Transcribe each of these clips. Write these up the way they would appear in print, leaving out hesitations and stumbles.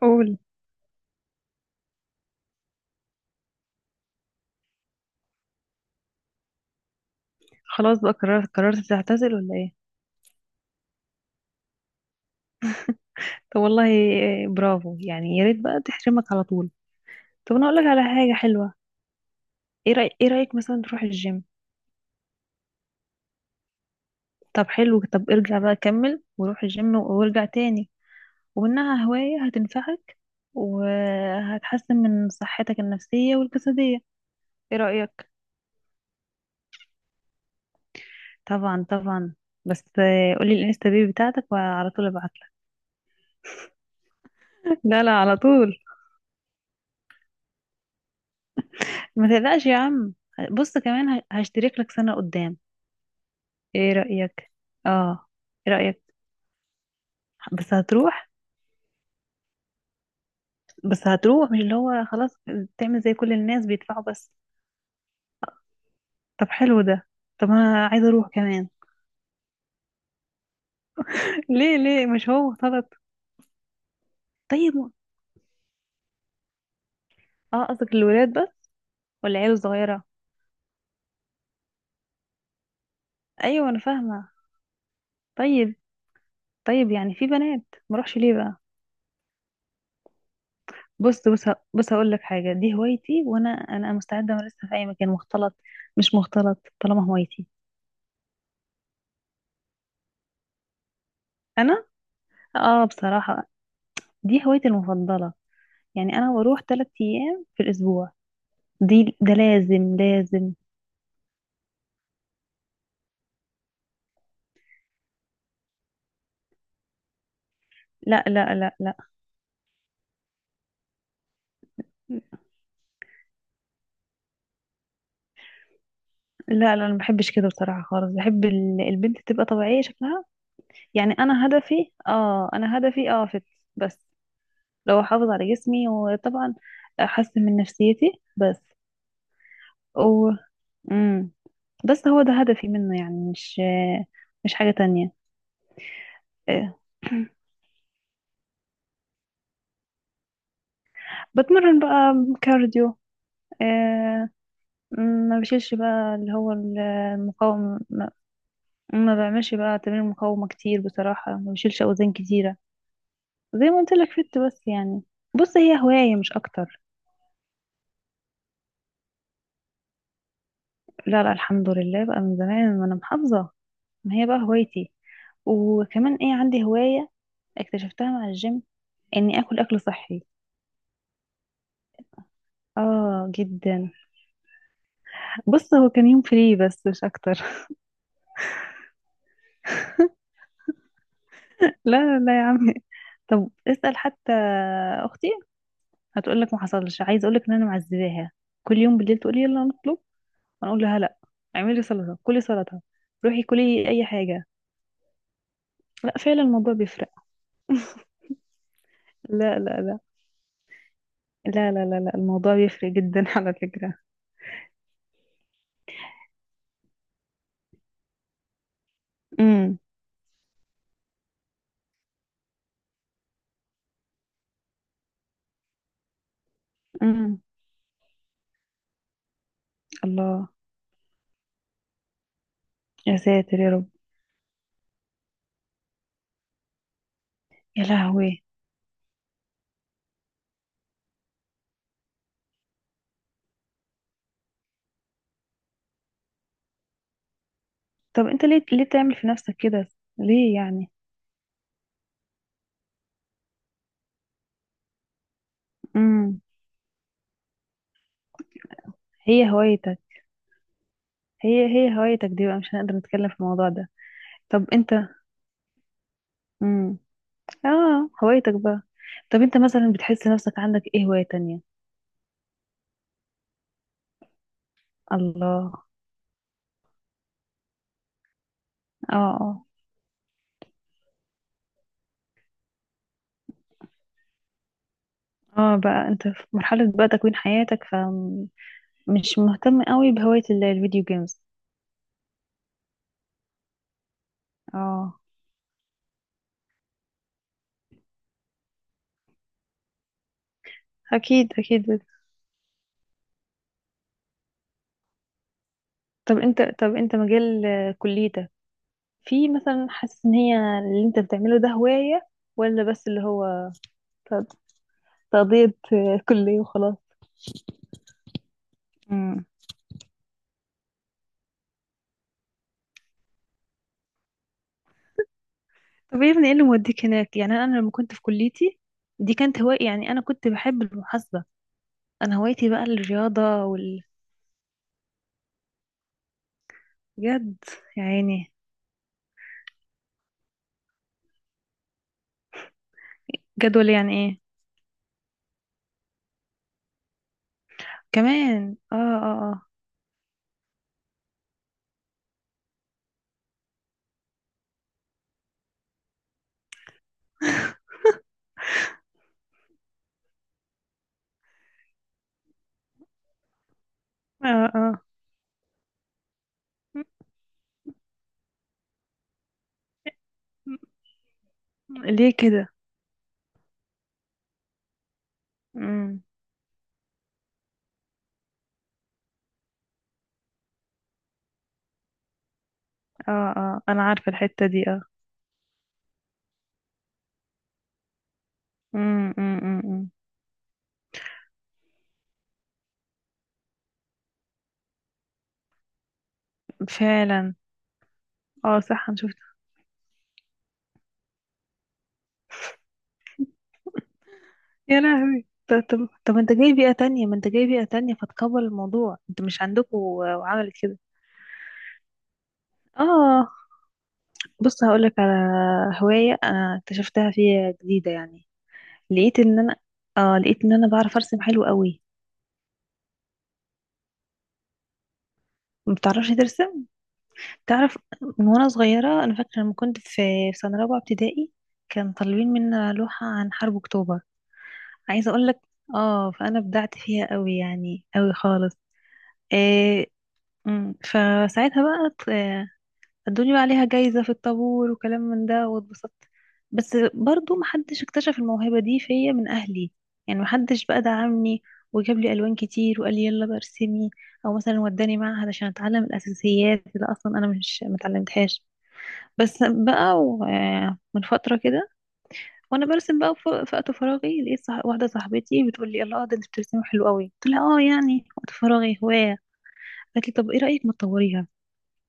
قول. خلاص بقى قررت تعتزل ولا ايه؟ طب والله إيه، برافو يعني، يا ريت بقى تحرمك على طول. طب انا اقول لك على حاجه حلوه. ايه رايك مثلا تروح الجيم؟ طب حلو. طب ارجع بقى كمل وروح الجيم وارجع تاني. ومنها هوايه هتنفعك، وهتحسن من صحتك النفسيه والجسديه. ايه رايك؟ طبعا طبعا. بس، قولي الانستا بيج بتاعتك وعلى طول ابعت لك. لا لا، على طول. ما تقلقش يا عم. بص، كمان هشترك لك سنه قدام. ايه رأيك؟ اه. ايه رأيك؟ بس هتروح بس هتروح، مش اللي هو خلاص. تعمل زي كل الناس، بيدفعوا بس. طب حلو ده. طب انا عايزة اروح كمان. ليه؟ ليه مش هو غلط؟ طيب. اه، قصدك الولاد بس؟ ولا العيال الصغيرة؟ ايوه، انا فاهمة. طيب. طيب يعني في بنات، ما اروحش ليه بقى؟ بص بص. بص هقول لك حاجة. دي هوايتي، وانا مستعدة امارسها في اي مكان، مختلط مش مختلط، طالما هوايتي. انا. اه بصراحة، دي هوايتي المفضلة. يعني انا بروح 3 ايام في الاسبوع. دي. ده لازم لازم. لا لا لا لا. لا لا. انا ما بحبش كده بصراحه خالص. بحب البنت تبقى طبيعيه شكلها. يعني انا هدفي فت بس. لو احافظ على جسمي، وطبعا احسن من نفسيتي، بس. و امم بس هو ده هدفي منه، يعني مش مش حاجه تانية. إيه. بتمرن بقى كارديو. آه، ما بشيلش بقى اللي هو المقاومة. ما بعملش بقى تمارين مقاومة كتير بصراحة، ما بشيلش أوزان كتيرة. زي ما قلت لك، فت بس يعني. بص، هي هواية مش أكتر. لا لا، الحمد لله، بقى من زمان وأنا محافظة. ما هي بقى هوايتي. وكمان إيه، عندي هواية اكتشفتها مع الجيم، إني آكل أكل صحي. آه جدا. بص، هو كان يوم فري بس مش أكتر. لا لا يا عمي. طب اسأل حتى أختي، هتقولك ما حصلش. عايزة أقولك إن أنا معذباها، كل يوم بالليل تقولي يلا نطلب، هنقول لها لا، اعملي سلطة، كلي سلطة، روحي كلي اي حاجة. لا فعلا الموضوع بيفرق. لا لا لا لا. لا لا, لا. الموضوع بيفرق جدا على فكرة. امم. امم. الله. يا ساتر يا رب. يا لهوي. طب انت، ليه تعمل في نفسك كده؟ ليه يعني؟ امم. هي هوايتك. هي هوايتك دي بقى، مش هنقدر نتكلم في الموضوع ده. طب انت. امم اه هوايتك بقى. طب انت مثلا بتحس نفسك عندك ايه هواية تانية؟ الله. اه. آه. اه، بقى انت في مرحلة بقى تكوين حياتك، فمش مهتم قوي بهواية الفيديو جيمز. اه. اكيد اكيد. طب انت مجال كليتك، في مثلا، حاسس ان هي اللي انت بتعمله ده هواية؟ ولا بس اللي هو ت- تقضية كلية وخلاص؟ مم. طب يا ابني، ايه اللي موديك هناك؟ يعني أنا لما كنت في كليتي، دي كانت هواية. يعني انا كنت بحب المحاسبة. انا هوايتي بقى الرياضة وال... بجد؟ يا عيني. جدول يعني ايه؟ كمان اه اه اه. اه اه. م- ليه كده؟ امم. اه اه، انا عارفة الحتة دي اه. امم. امم. فعلا. اه صح، انا شفت. يا لهوي. طب انت جاي بيئة تانية، ما انت جاي بيئة تانية، فتكبر الموضوع، انت مش عندكوا؟ وعملت كده. اه. بص هقولك على هواية انا اكتشفتها فيها جديدة يعني. لقيت ان انا، اه، لقيت ان انا بعرف ارسم حلو قوي. ما بتعرفش ترسم؟ تعرف. من وانا صغيرة، انا فاكرة لما كنت في سنة رابعة ابتدائي، كان طالبين منا لوحة عن حرب اكتوبر. عايزة اقول لك، اه، فانا بدعت فيها قوي، يعني قوي خالص. إيه. فساعتها بقى ادوني بقى عليها جايزة في الطابور، وكلام من ده، واتبسطت. بس برضو محدش اكتشف الموهبة دي فيا من اهلي. يعني محدش بقى دعمني، وجاب لي الوان كتير، وقال لي يلا بقى ارسمي. او مثلا وداني معهد عشان اتعلم الاساسيات اللي اصلا انا مش متعلمتهاش. بس بقى من فترة كده، وانا برسم بقى في وقت فراغي، لقيت واحدة صاحبتي بتقول لي الله، ده انت بترسمي حلو قوي. قلت لها اه، يعني وقت فراغي هواية. قالت لي طب ايه رأيك ما تطوريها؟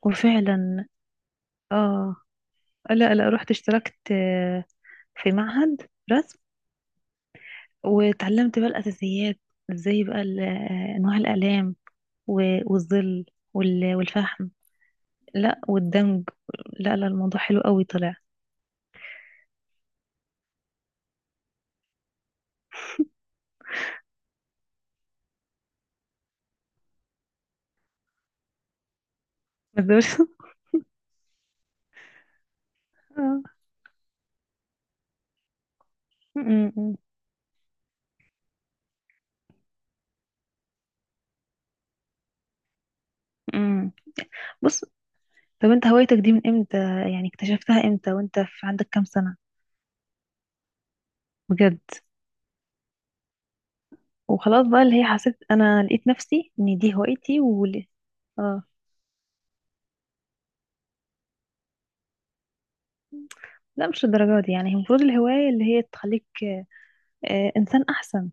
وفعلا. اه. لا لا، رحت اشتركت في معهد رسم. واتعلمت بقى الأساسيات، ازاي بقى انواع الأقلام، والظل، والفحم، لا والدمج. لا لا، الموضوع حلو قوي طلع. بس- آه. م- م- م. بص. طب انت هوايتك دي من امتى؟ يعني اكتشفتها امتى وانت عندك كام سنة؟ بجد؟ وخلاص بقى، اللي هي حسيت انا لقيت نفسي ان دي هوايتي، وليه؟ اه. لا، مش الدرجات دي يعني. المفروض الهواية اللي هي تخليك انسان احسن،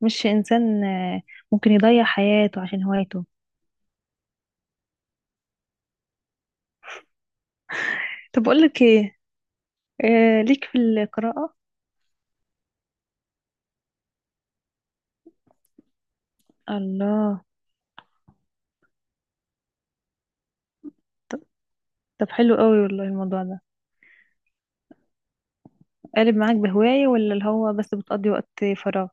مش انسان ممكن يضيع حياته عشان هوايته. طب اقول لك ايه؟ ليك في القراءة؟ الله. طب طب حلو قوي والله الموضوع ده، قالب معاك بهواية ولا اللي هو بس بتقضي وقت فراغ؟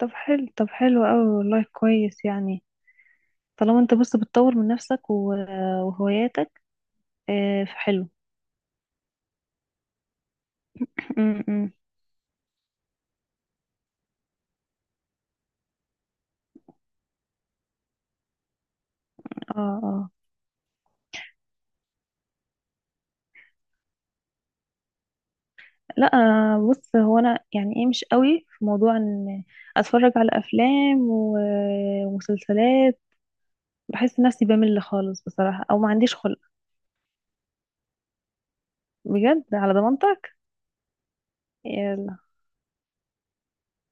طب حلو، طب حلو قوي والله، كويس يعني. طالما انت، بص، بتطور من نفسك وهواياتك، فحلو. م. اه اه. لا. بص، هو انا يعني ايه، مش قوي في موضوع ان اتفرج على افلام ومسلسلات، بحس نفسي بمل خالص بصراحة، او ما عنديش خلق. بجد؟ على ضمانتك.